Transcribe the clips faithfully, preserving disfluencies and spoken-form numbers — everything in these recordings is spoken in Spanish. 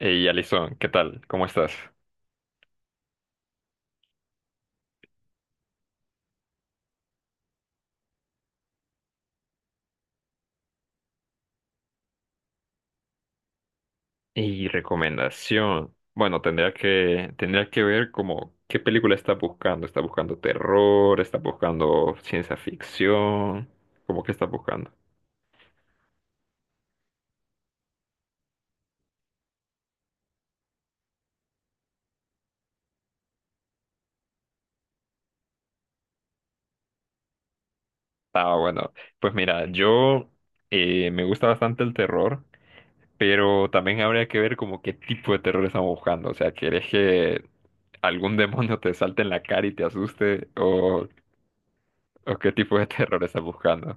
Hey, Alison, ¿qué tal? ¿Cómo estás? Y recomendación. Bueno, tendría que, tendría que ver como qué película estás buscando. ¿Estás buscando terror? ¿Estás buscando ciencia ficción? ¿Cómo que estás buscando? Ah, bueno, pues mira, yo eh, me gusta bastante el terror, pero también habría que ver como qué tipo de terror estamos buscando. O sea, ¿querés que algún demonio te salte en la cara y te asuste? ¿O, o qué tipo de terror estás buscando?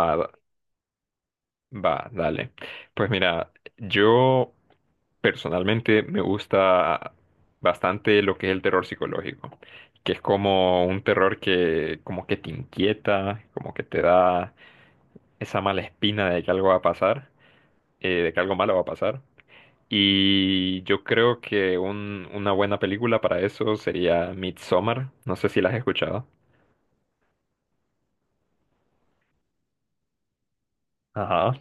Va, va, dale. Pues mira, yo personalmente me gusta bastante lo que es el terror psicológico, que es como un terror que como que te inquieta, como que te da esa mala espina de que algo va a pasar, eh, de que algo malo va a pasar. Y yo creo que un- una buena película para eso sería Midsommar. No sé si la has escuchado. Ajá,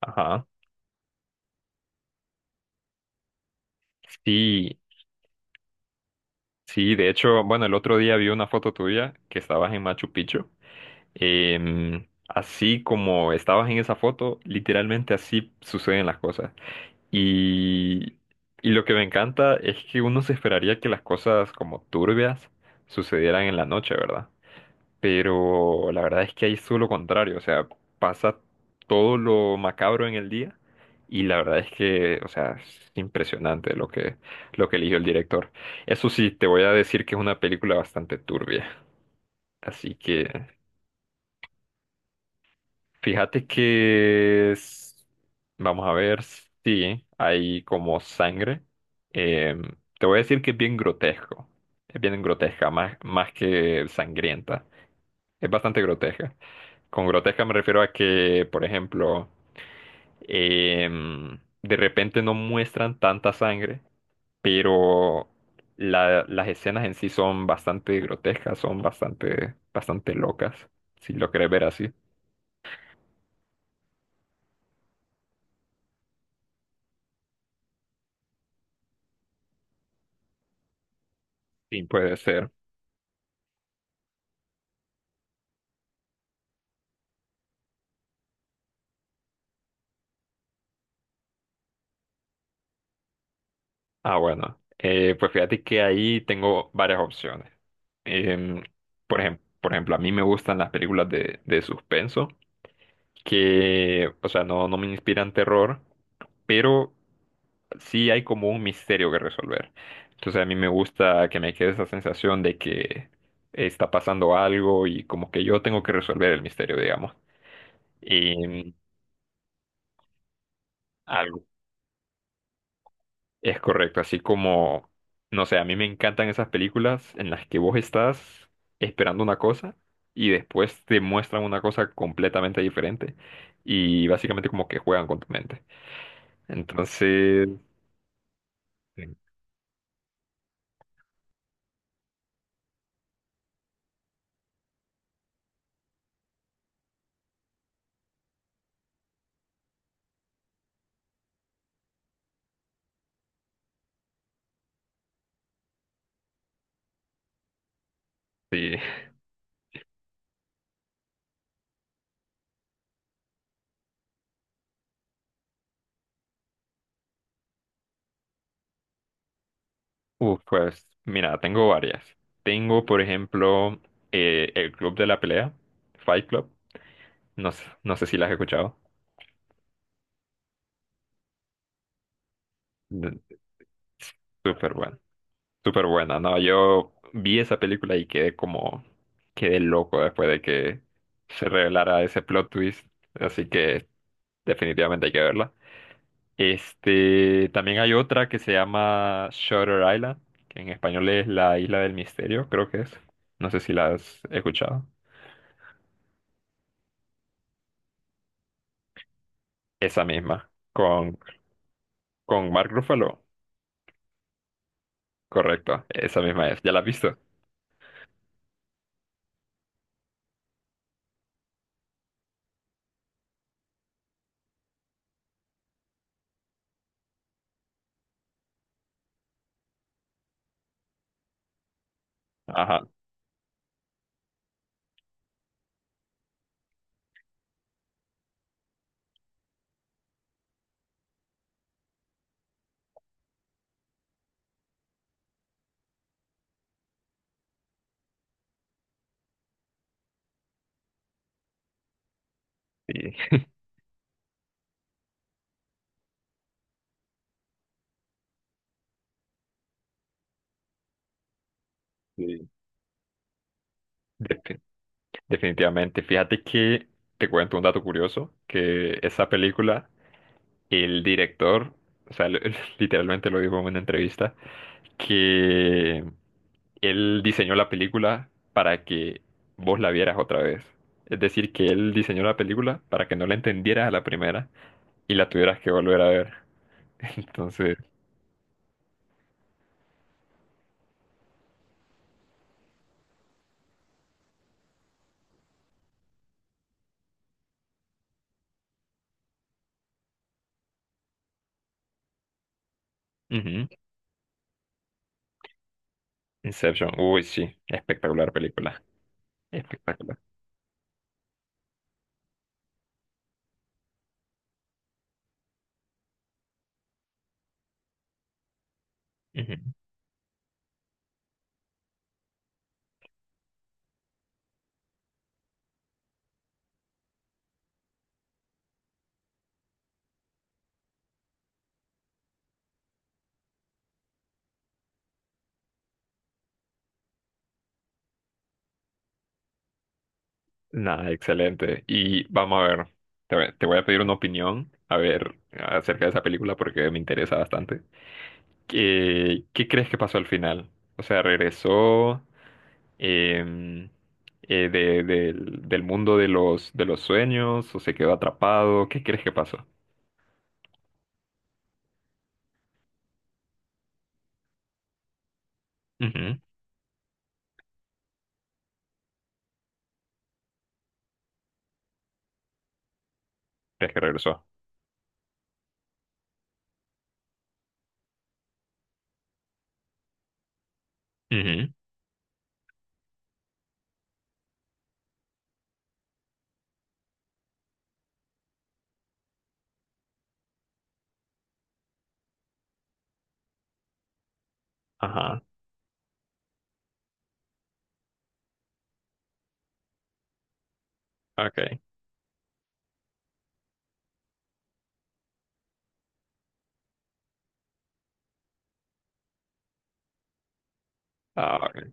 ajá. Sí, sí, de hecho, bueno, el otro día vi una foto tuya que estabas en Machu Picchu. Em, así como estabas en esa foto, literalmente así suceden las cosas. Y, y lo que me encanta es que uno se esperaría que las cosas como turbias sucedieran en la noche, ¿verdad? Pero la verdad es que ahí es todo lo contrario, o sea, pasa todo lo macabro en el día y la verdad es que, o sea, es impresionante lo que, lo que eligió el director. Eso sí, te voy a decir que es una película bastante turbia, así que... Fíjate que es- Vamos a ver, sí hay como sangre. Em, Te voy a decir que es bien grotesco. Es bien grotesca, más, más que sangrienta. Es bastante grotesca. Con grotesca me refiero a que, por ejemplo, em, de repente no muestran tanta sangre, pero la- las escenas en sí son bastante grotescas, son bastante, bastante locas. Si lo querés ver así, sí puede ser. Ah, bueno. Eh, pues fíjate que ahí tengo varias opciones. Em, por ejemplo, por ejemplo, a mí me gustan las películas de, de suspenso, que, o sea, no, no me inspiran terror, pero sí hay como un misterio que resolver. Entonces a mí me gusta que me quede esa sensación de que está pasando algo y como que yo tengo que resolver el misterio, digamos. Y es correcto, así como, no sé, a mí me encantan esas películas en las que vos estás esperando una cosa y después te muestran una cosa completamente diferente y básicamente como que juegan con tu mente. Entonces, sí, sí. Uf, pues mira, tengo varias. Tengo, por ejemplo, eh, El Club de la Pelea, Fight Club, no, sé- no sé si la has escuchado. De- Súper bueno. Súper buena, no, yo vi esa película y quedé como, quedé loco después de que se revelara ese plot twist, así que definitivamente hay que verla. Este, también hay otra que se llama Shutter Island, que en español es la Isla del Misterio, creo que es. No sé si la has escuchado. Esa misma, con, con Mark Ruffalo, correcto, esa misma es. ¿Ya la has visto? Ajá, sí. Sí. Definitivamente. Fíjate que te cuento un dato curioso, que esa película, el director, o sea, lo- literalmente lo dijo en una entrevista, que él diseñó la película para que vos la vieras otra vez. Es decir, que él diseñó la película para que no la entendieras a la primera y la tuvieras que volver a ver. Entonces, ujú. Inception, uy, sí, espectacular película, espectacular. Nada, excelente. Y vamos a ver, te voy te voy a pedir una opinión, a ver, acerca de esa película porque me interesa bastante. ¿Qué, ¿qué crees que pasó al final? O sea, regresó em, eh, de- del, del mundo de los, de los sueños o se quedó atrapado. ¿Qué crees que pasó? Ujú. ¿Crees que regresó? Ujú. Ajá. Okay. Ah, ok.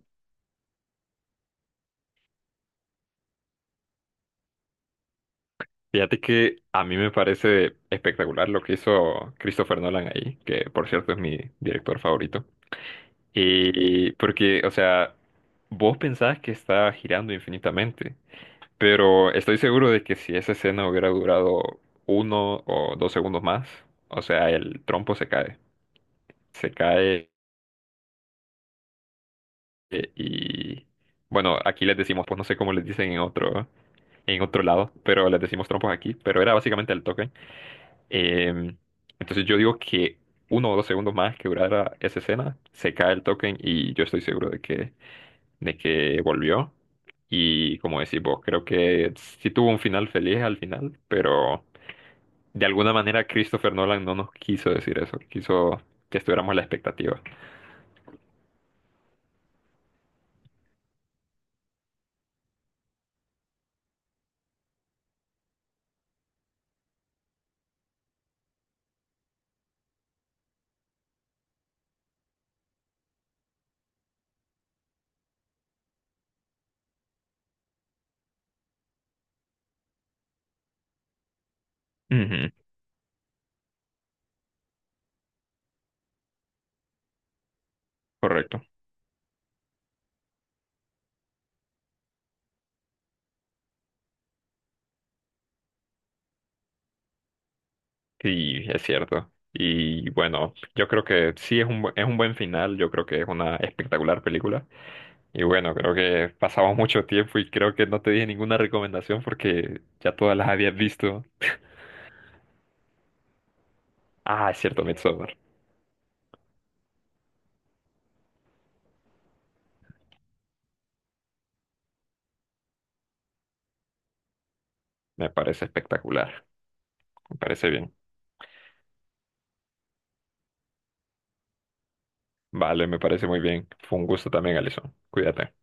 Fíjate que a mí me parece espectacular lo que hizo Christopher Nolan ahí, que por cierto es mi director favorito. Y porque, o sea, vos pensás que está girando infinitamente, pero estoy seguro de que si esa escena hubiera durado uno o dos segundos más, o sea, el trompo se cae, se cae eh, y, bueno, aquí les decimos, pues no sé cómo les dicen en otro, en otro lado, pero les decimos trompos aquí, pero era básicamente el token. Em, entonces yo digo que uno o dos segundos más que durara esa escena, se cae el token y yo estoy seguro de que de que volvió. Y como decís vos, creo que sí tuvo un final feliz al final, pero de alguna manera Christopher Nolan no nos quiso decir eso, quiso que estuviéramos a la expectativa. Ujú, correcto. Sí, es cierto. Y bueno, yo creo que sí es un, bu- es un buen final, yo creo que es una espectacular película. Y bueno, creo que pasamos mucho tiempo y creo que no te dije ninguna recomendación porque ya todas las habías visto. Ah, es cierto, Midsommar. Me parece espectacular, me parece bien. Vale, me parece muy bien. Fue un gusto también, Alison. Cuídate.